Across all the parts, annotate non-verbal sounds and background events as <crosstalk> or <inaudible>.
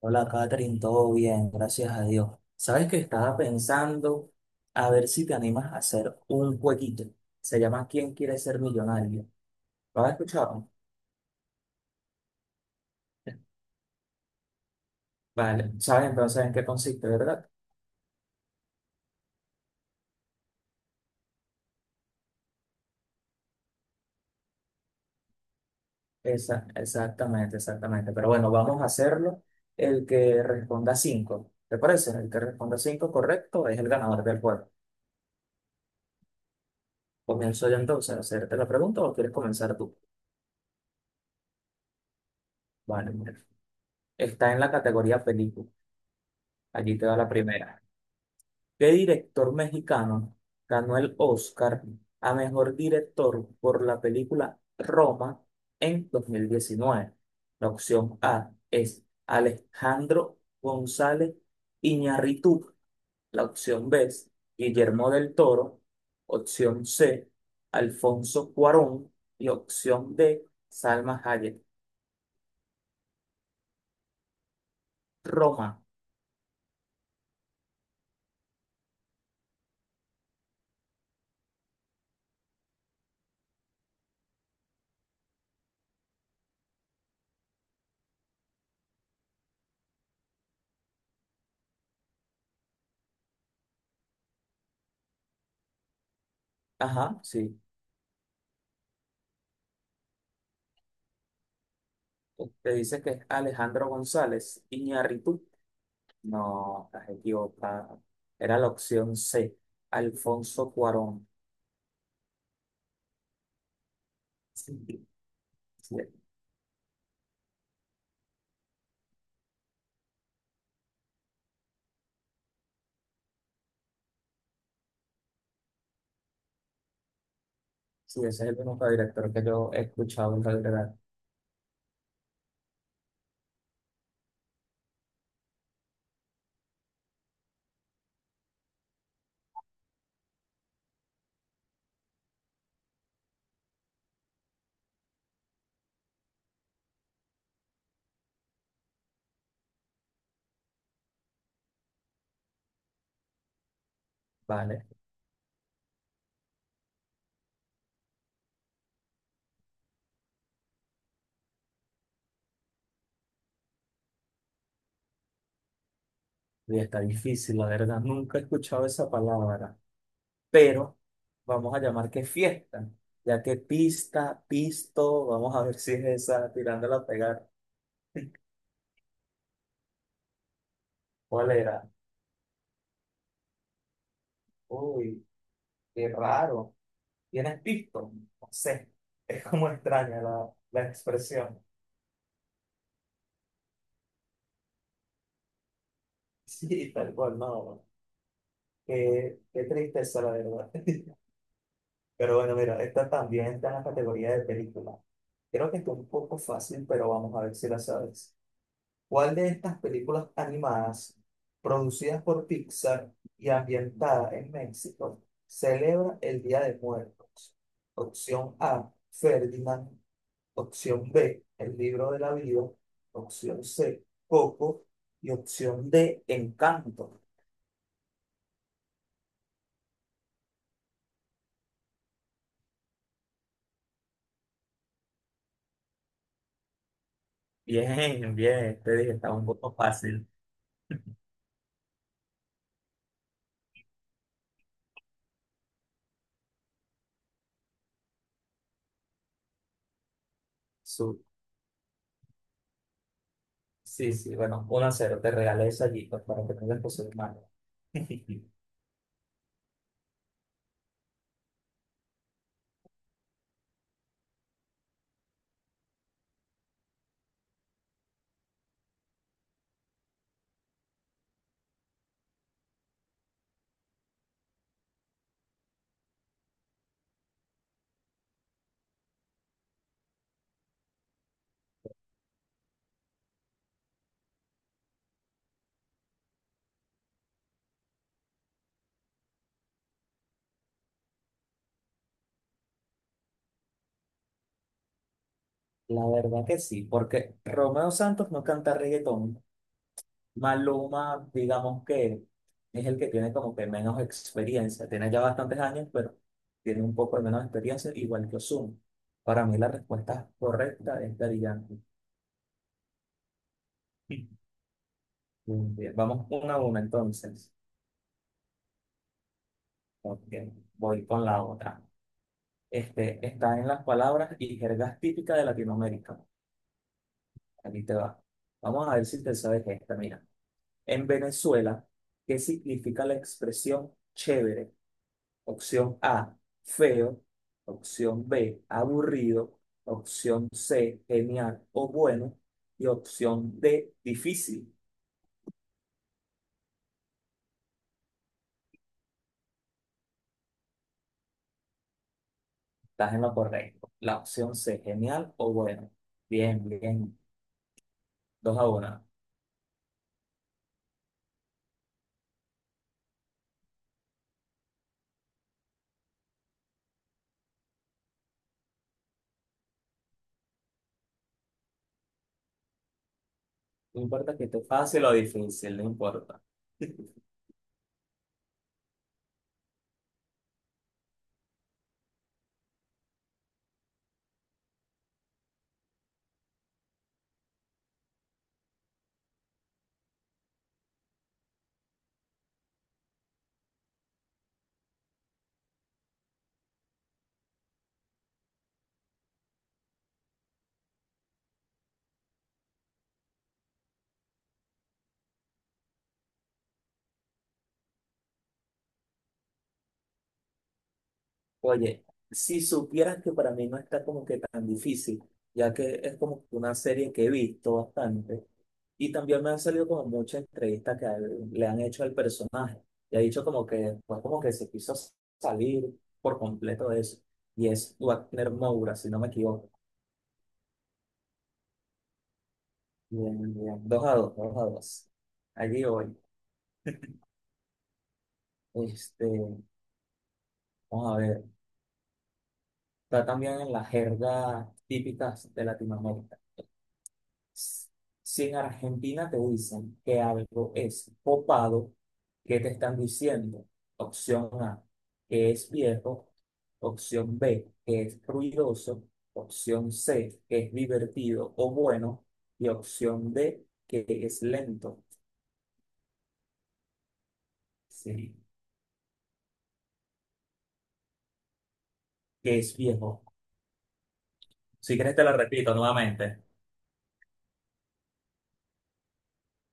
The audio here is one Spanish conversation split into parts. Hola, Catherine, todo bien, gracias a Dios. Sabes que estaba pensando a ver si te animas a hacer un jueguito. Se llama ¿Quién quiere ser millonario? ¿Lo has escuchado? Vale, sabes entonces en qué consiste, ¿verdad? Esa, exactamente, exactamente. Pero bueno, vamos a hacerlo. El que responda cinco, ¿te parece? El que responda cinco correcto es el ganador del juego. Comienzo yo entonces a hacerte la pregunta o quieres comenzar tú. Vale, mira. Está en la categoría película. Allí te va la primera. ¿Qué director mexicano ganó el Oscar a mejor director por la película Roma en 2019? La opción A es Alejandro González Iñárritu. La opción B es Guillermo del Toro. Opción C, Alfonso Cuarón. Y opción D, Salma Hayek. Roma. Ajá, sí. Te dice que es Alejandro González Iñárritu. No, estás equivocada. Era la opción C, Alfonso Cuarón. Sí, sí, sí, ese es el único director que yo he escuchado en realidad. Vale, y está difícil, la verdad. Nunca he escuchado esa palabra, pero vamos a llamar que fiesta, ya que pista, pisto, vamos a ver si es esa, tirándola a pegar. ¿Cuál era? Uy, qué raro. ¿Tienes pisto? No sé, es como extraña la expresión. <laughs> Sí, tal cual, no. Qué, qué tristeza, la verdad. <laughs> Pero bueno, mira, esta también está en la categoría de película. Creo que está un poco fácil, pero vamos a ver si la sabes. ¿Cuál de estas películas animadas producidas por Pixar y ambientada en México celebra el Día de Muertos? Opción A, Ferdinand. Opción B, El libro de la vida. Opción C, Coco. Y opción D, Encanto. Bien, bien, te dije, está un poco fácil. Sí, sí, bueno, 1-0 te regalé eso allí pues, para que tengas cosas manos. <laughs> La verdad que sí, porque Romeo Santos no canta reggaetón. Maluma, digamos que es el que tiene como que menos experiencia. Tiene ya bastantes años, pero tiene un poco de menos experiencia, igual que Ozuna. Para mí la respuesta correcta es Daddy Yankee. Muy bien, vamos una a una entonces. Ok, voy con la otra. Está en las palabras y jergas típicas de Latinoamérica. Aquí te va. Vamos a ver si te sabes esta. Mira, en Venezuela, ¿qué significa la expresión chévere? Opción A, feo. Opción B, aburrido. Opción C, genial o bueno. Y opción D, difícil. Estás en lo correcto. La opción C, genial o bueno. Bien, bien. 2-1. No importa que esté fácil o difícil, no importa. <laughs> Oye, si supieras que para mí no está como que tan difícil, ya que es como que una serie que he visto bastante y también me han salido como muchas entrevistas que le han hecho al personaje y ha dicho como que después como que se quiso salir por completo de eso y es Wagner Moura, si no me equivoco. Bien, bien. 2-2, 2-2. Allí voy. Este, vamos a ver. Está también en las jergas típicas de Latinoamérica. Si en Argentina te dicen que algo es copado, ¿qué te están diciendo? Opción A, que es viejo. Opción B, que es ruidoso. Opción C, que es divertido o bueno. Y opción D, que es lento. Sí, que es viejo. Si quieres te la repito nuevamente.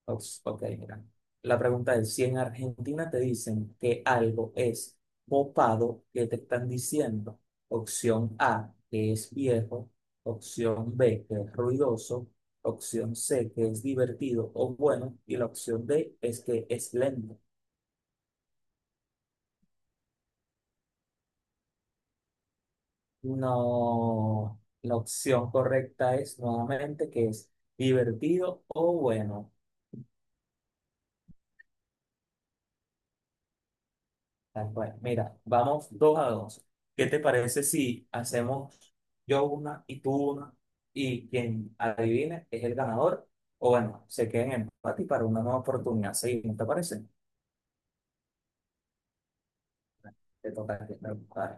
Ups, ok, mira. La pregunta es, si en Argentina te dicen que algo es popado, ¿qué te están diciendo? Opción A, que es viejo. Opción B, que es ruidoso. Opción C, que es divertido o bueno. Y la opción D es que es lento. No, la opción correcta es nuevamente que es divertido o bueno. Tal cual. Mira, vamos 2-2. ¿Qué te parece si hacemos yo una y tú una? Y quien adivine es el ganador. O bueno, se queda en empate y para una nueva oportunidad. Sí, ¿no te parece? Te toca a ti preguntar.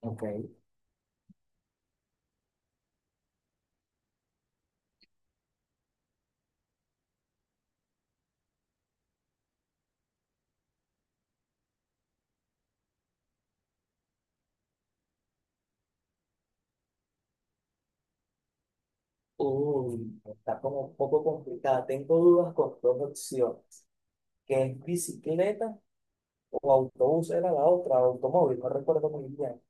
Ok. Uy, está como un poco complicada. Tengo dudas con dos opciones. ¿Qué es bicicleta o autobús? Era la otra, automóvil. No recuerdo muy bien.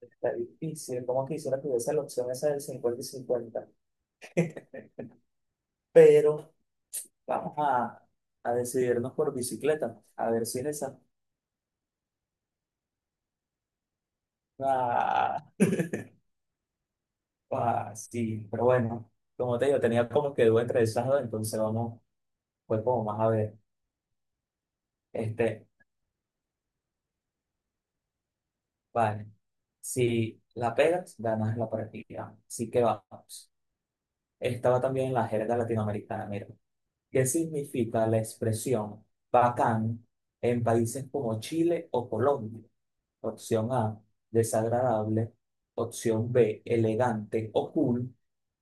Está difícil. Como quisiera que hubiese la opción esa del 50-50. <laughs> Pero vamos a decidirnos por bicicleta, a ver si en esa. Ah, sí, pero bueno, como te digo, tenía como que duda entre esas dos, entonces vamos, pues como más a ver. Este, vale, si la pegas, ganas la partida. Así que vamos. Estaba también en la jerga latinoamericana, mira. ¿Qué significa la expresión bacán en países como Chile o Colombia? Opción A, desagradable. Opción B, elegante o cool.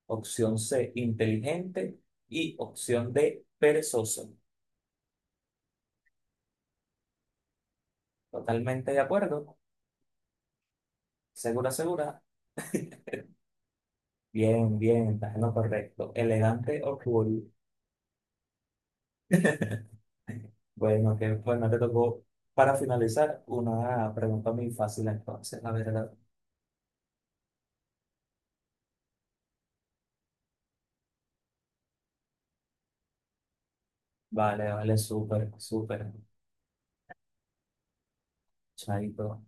Opción C, inteligente y opción D, perezoso. Totalmente de acuerdo. Segura, segura. <laughs> Bien, bien, estás en lo correcto. Elegante o cool. <laughs> Bueno, que bueno, te tocó para finalizar una pregunta muy fácil entonces, la verdad. Vale, vale, súper, súper. Chaito.